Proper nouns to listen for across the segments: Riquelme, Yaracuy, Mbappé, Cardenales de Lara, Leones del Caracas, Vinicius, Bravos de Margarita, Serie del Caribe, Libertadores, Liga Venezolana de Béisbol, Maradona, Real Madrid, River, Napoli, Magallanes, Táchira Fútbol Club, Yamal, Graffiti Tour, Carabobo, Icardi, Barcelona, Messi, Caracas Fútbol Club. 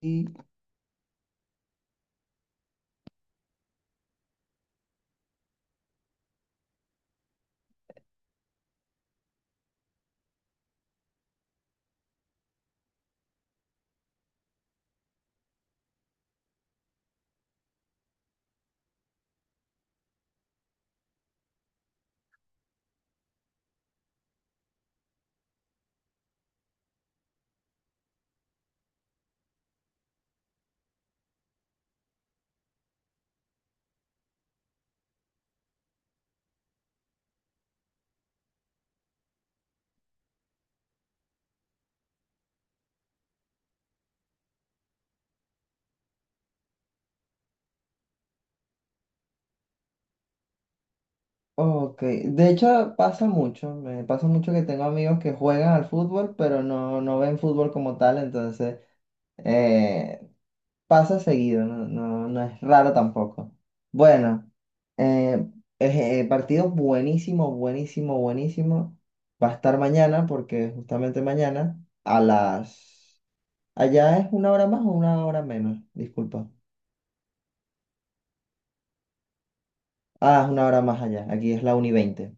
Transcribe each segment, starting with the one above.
Y, ok, de hecho pasa mucho, me pasa mucho que tengo amigos que juegan al fútbol, pero no, no ven fútbol como tal, entonces eh, pasa seguido, no, no, no es raro tampoco. Bueno, eh, partido buenísimo, buenísimo, buenísimo. Va a estar mañana, porque justamente mañana a las... Allá es una hora más o una hora menos, disculpa. Ah, es una hora más allá, aquí es la 1:20.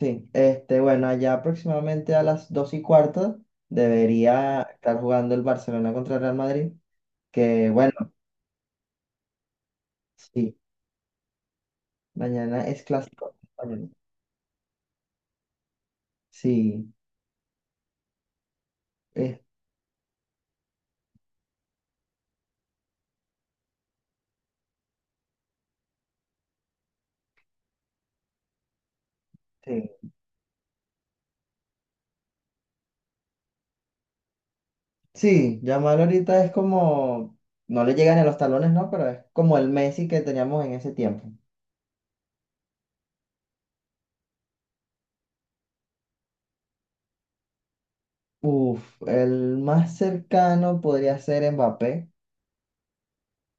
Sí, este, bueno, allá aproximadamente a las 2:15 debería estar jugando el Barcelona contra el Real Madrid, que bueno, sí, mañana es clásico español. Sí, este, sí, Yamal ahorita es como, no le llegan a los talones, ¿no? Pero es como el Messi que teníamos en ese tiempo. Uf, el más cercano podría ser Mbappé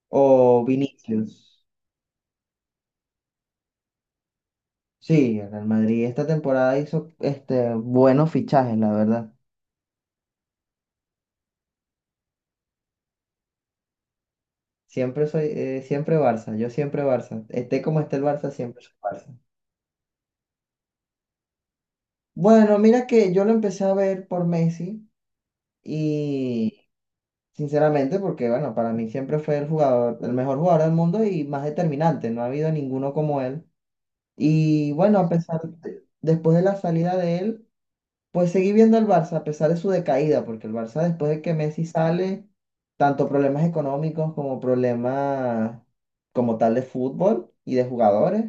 o Vinicius. Sí, el Real Madrid esta temporada hizo este, buenos fichajes, la verdad. Siempre soy, siempre Barça, yo siempre Barça. Esté como esté el Barça, siempre soy Barça. Bueno, mira que yo lo empecé a ver por Messi y sinceramente, porque bueno, para mí siempre fue el jugador, el mejor jugador del mundo y más determinante, no ha habido ninguno como él. Y bueno, a pesar después de la salida de él. Pues seguí viendo al Barça a pesar de su decaída, porque el Barça después de que Messi sale, tanto problemas económicos como problemas como tal de fútbol y de jugadores,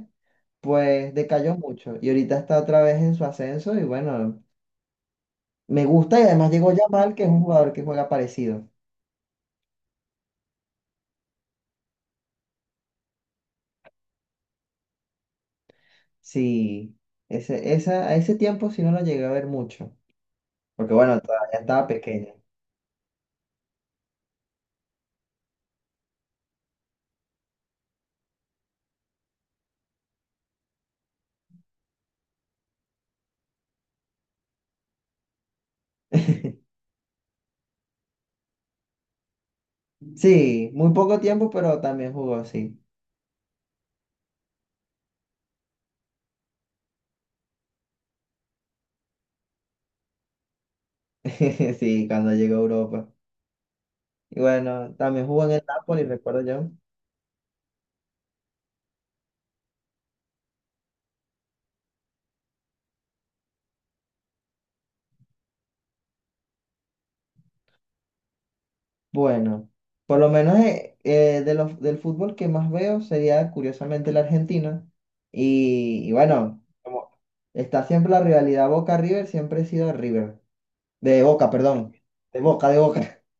pues decayó mucho. Y ahorita está otra vez en su ascenso y bueno, me gusta y además llegó Yamal, que es un jugador que juega parecido. Sí, a ese tiempo sí no lo llegué a ver mucho, porque bueno, todavía estaba pequeño. Sí, muy poco tiempo, pero también jugó, sí. Sí, cuando llegó a Europa. Y bueno, también jugó en el Napoli, recuerdo yo. Bueno, por lo menos del fútbol que más veo sería curiosamente el argentino. Y bueno, como está siempre la rivalidad Boca-River, siempre he sido River. De Boca, perdón. De Boca, de Boca.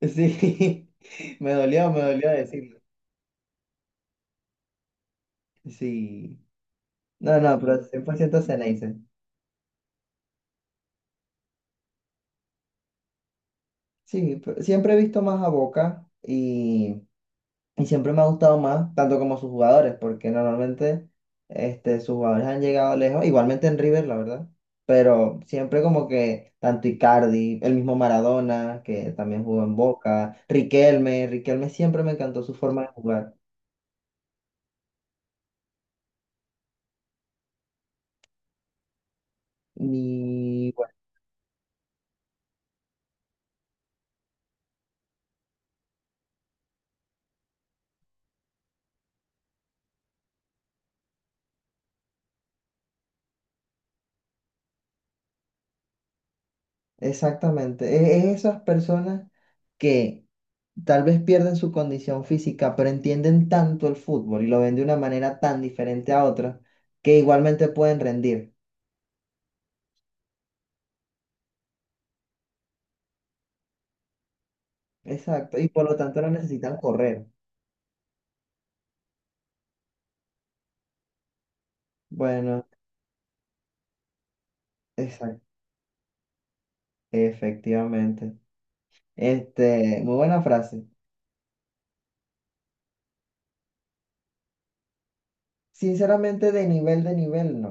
Sí, me dolió decirlo. Sí. No, no, pero 100% Ceneice. Sí, pero siempre he visto más a Boca. Y siempre me ha gustado más, tanto como sus jugadores, porque normalmente este, sus jugadores han llegado lejos, igualmente en River, la verdad, pero siempre como que tanto Icardi, el mismo Maradona, que también jugó en Boca, Riquelme, Riquelme siempre me encantó su forma de jugar. Y bueno, exactamente, es esas personas que tal vez pierden su condición física, pero entienden tanto el fútbol y lo ven de una manera tan diferente a otra, que igualmente pueden rendir. Exacto, y por lo tanto no necesitan correr. Bueno, exacto, efectivamente. Este, muy buena frase. Sinceramente, de nivel, no.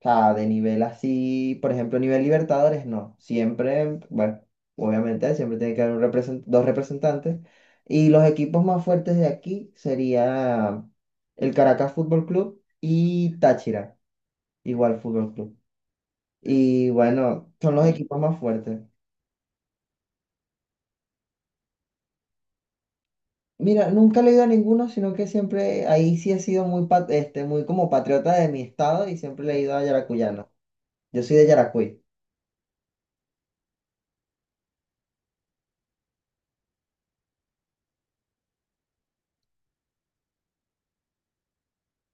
O sea, de nivel así, por ejemplo, nivel Libertadores, no. Siempre, bueno, obviamente, siempre tiene que haber un dos representantes. Y los equipos más fuertes de aquí sería el Caracas Fútbol Club y Táchira, igual Fútbol Club. Y bueno, son los equipos más fuertes. Mira, nunca he leído a ninguno, sino que siempre ahí sí he sido muy, muy como patriota de mi estado y siempre he leído a yaracuyano. Yo soy de Yaracuy.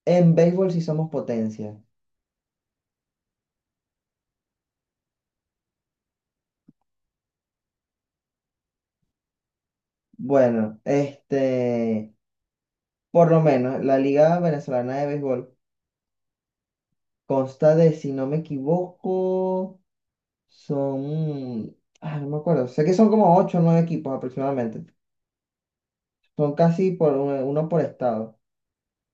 En béisbol sí somos potencia. Bueno, este, por lo menos la Liga Venezolana de Béisbol consta de, si no me equivoco, son, no me acuerdo, sé que son como ocho o nueve equipos aproximadamente. Son casi por uno uno por estado.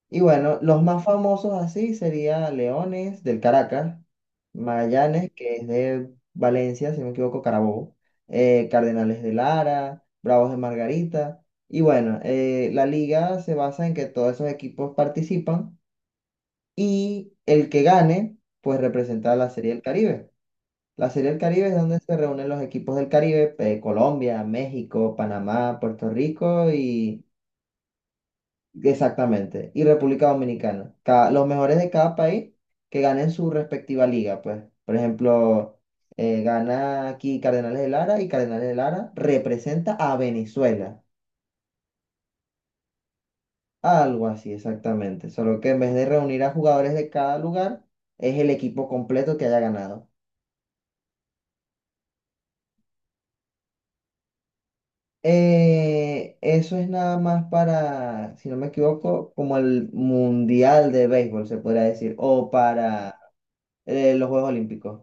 Y bueno, los más famosos así sería Leones del Caracas, Magallanes, que es de Valencia, si no me equivoco, Carabobo, Cardenales de Lara, Bravos de Margarita. Y bueno, la liga se basa en que todos esos equipos participan y el que gane, pues representa a la Serie del Caribe. La Serie del Caribe es donde se reúnen los equipos del Caribe, Colombia, México, Panamá, Puerto Rico. Exactamente. Y República Dominicana. Los mejores de cada país que ganen su respectiva liga, pues. Por ejemplo, gana aquí Cardenales de Lara y Cardenales de Lara representa a Venezuela. Algo así, exactamente. Solo que en vez de reunir a jugadores de cada lugar, es el equipo completo que haya ganado. Eso es nada más para, si no me equivoco, como el Mundial de Béisbol, se podría decir, o para los Juegos Olímpicos.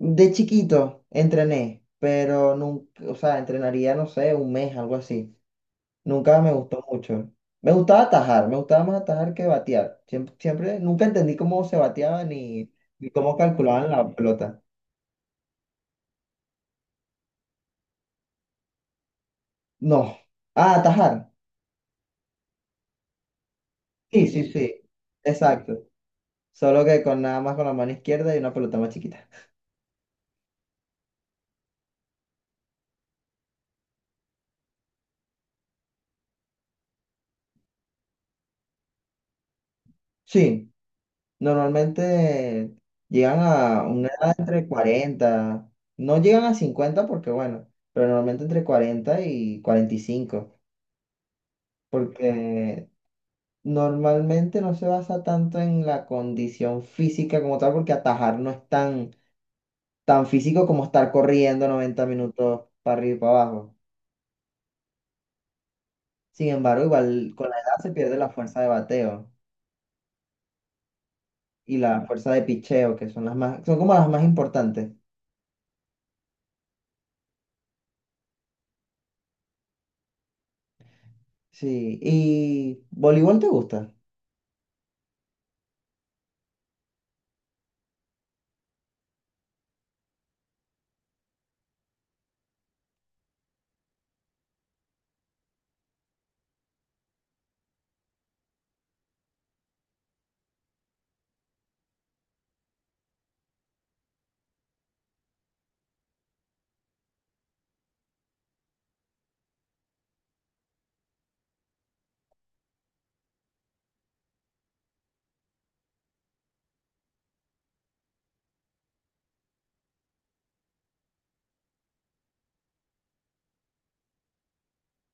De chiquito entrené, pero nunca, o sea, entrenaría, no sé, un mes, algo así. Nunca me gustó mucho. Me gustaba atajar, me gustaba más atajar que batear. Siempre, siempre, nunca entendí cómo se bateaba ni cómo calculaban la pelota. No. Ah, atajar. Sí, sí, sí. Exacto. Solo que con nada más con la mano izquierda y una pelota más chiquita. Sí. Normalmente llegan a una edad entre 40. No llegan a 50 porque bueno, pero normalmente entre 40 y 45 porque normalmente no se basa tanto en la condición física como tal, porque atajar no es tan, tan físico como estar corriendo 90 minutos para arriba y para abajo. Sin embargo, igual con la edad se pierde la fuerza de bateo y la fuerza de picheo, que son las más, son como las más importantes. Sí, ¿y voleibol te gusta?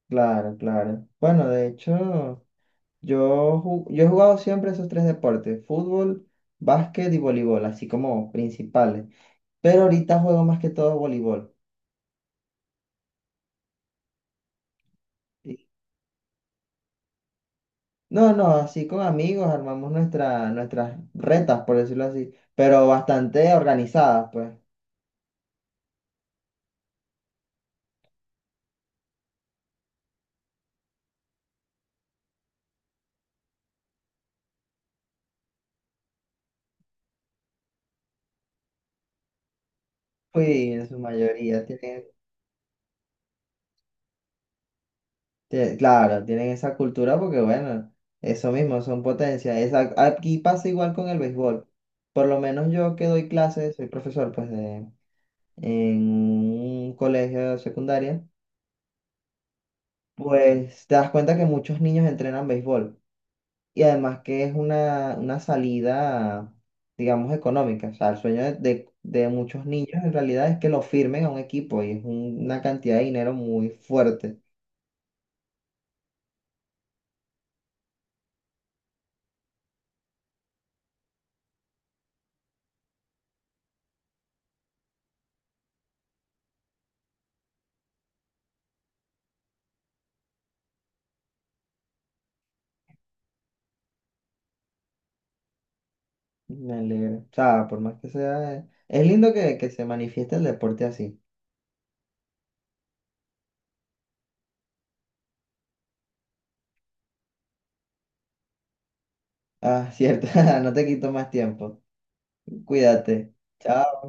Claro, claro. Bueno, de hecho, yo he jugado siempre esos tres deportes, fútbol, básquet y voleibol, así como principales. Pero ahorita juego más que todo voleibol. Y- No, no, así con amigos armamos nuestras retas, por decirlo así, pero bastante organizadas, pues. Sí, en su mayoría claro, tienen esa cultura porque, bueno, eso mismo, son potencias. Aquí pasa igual con el béisbol. Por lo menos yo que doy clases, soy profesor, pues, de en un colegio de secundaria, pues te das cuenta que muchos niños entrenan béisbol y además que es una salida, digamos, económica. O sea, el sueño de, de muchos niños en realidad es que lo firmen a un equipo y es una cantidad de dinero muy fuerte. Me alegra. O sea, por más que sea, es lindo que se manifieste el deporte así. Ah, cierto, no te quito más tiempo. Cuídate. Chao.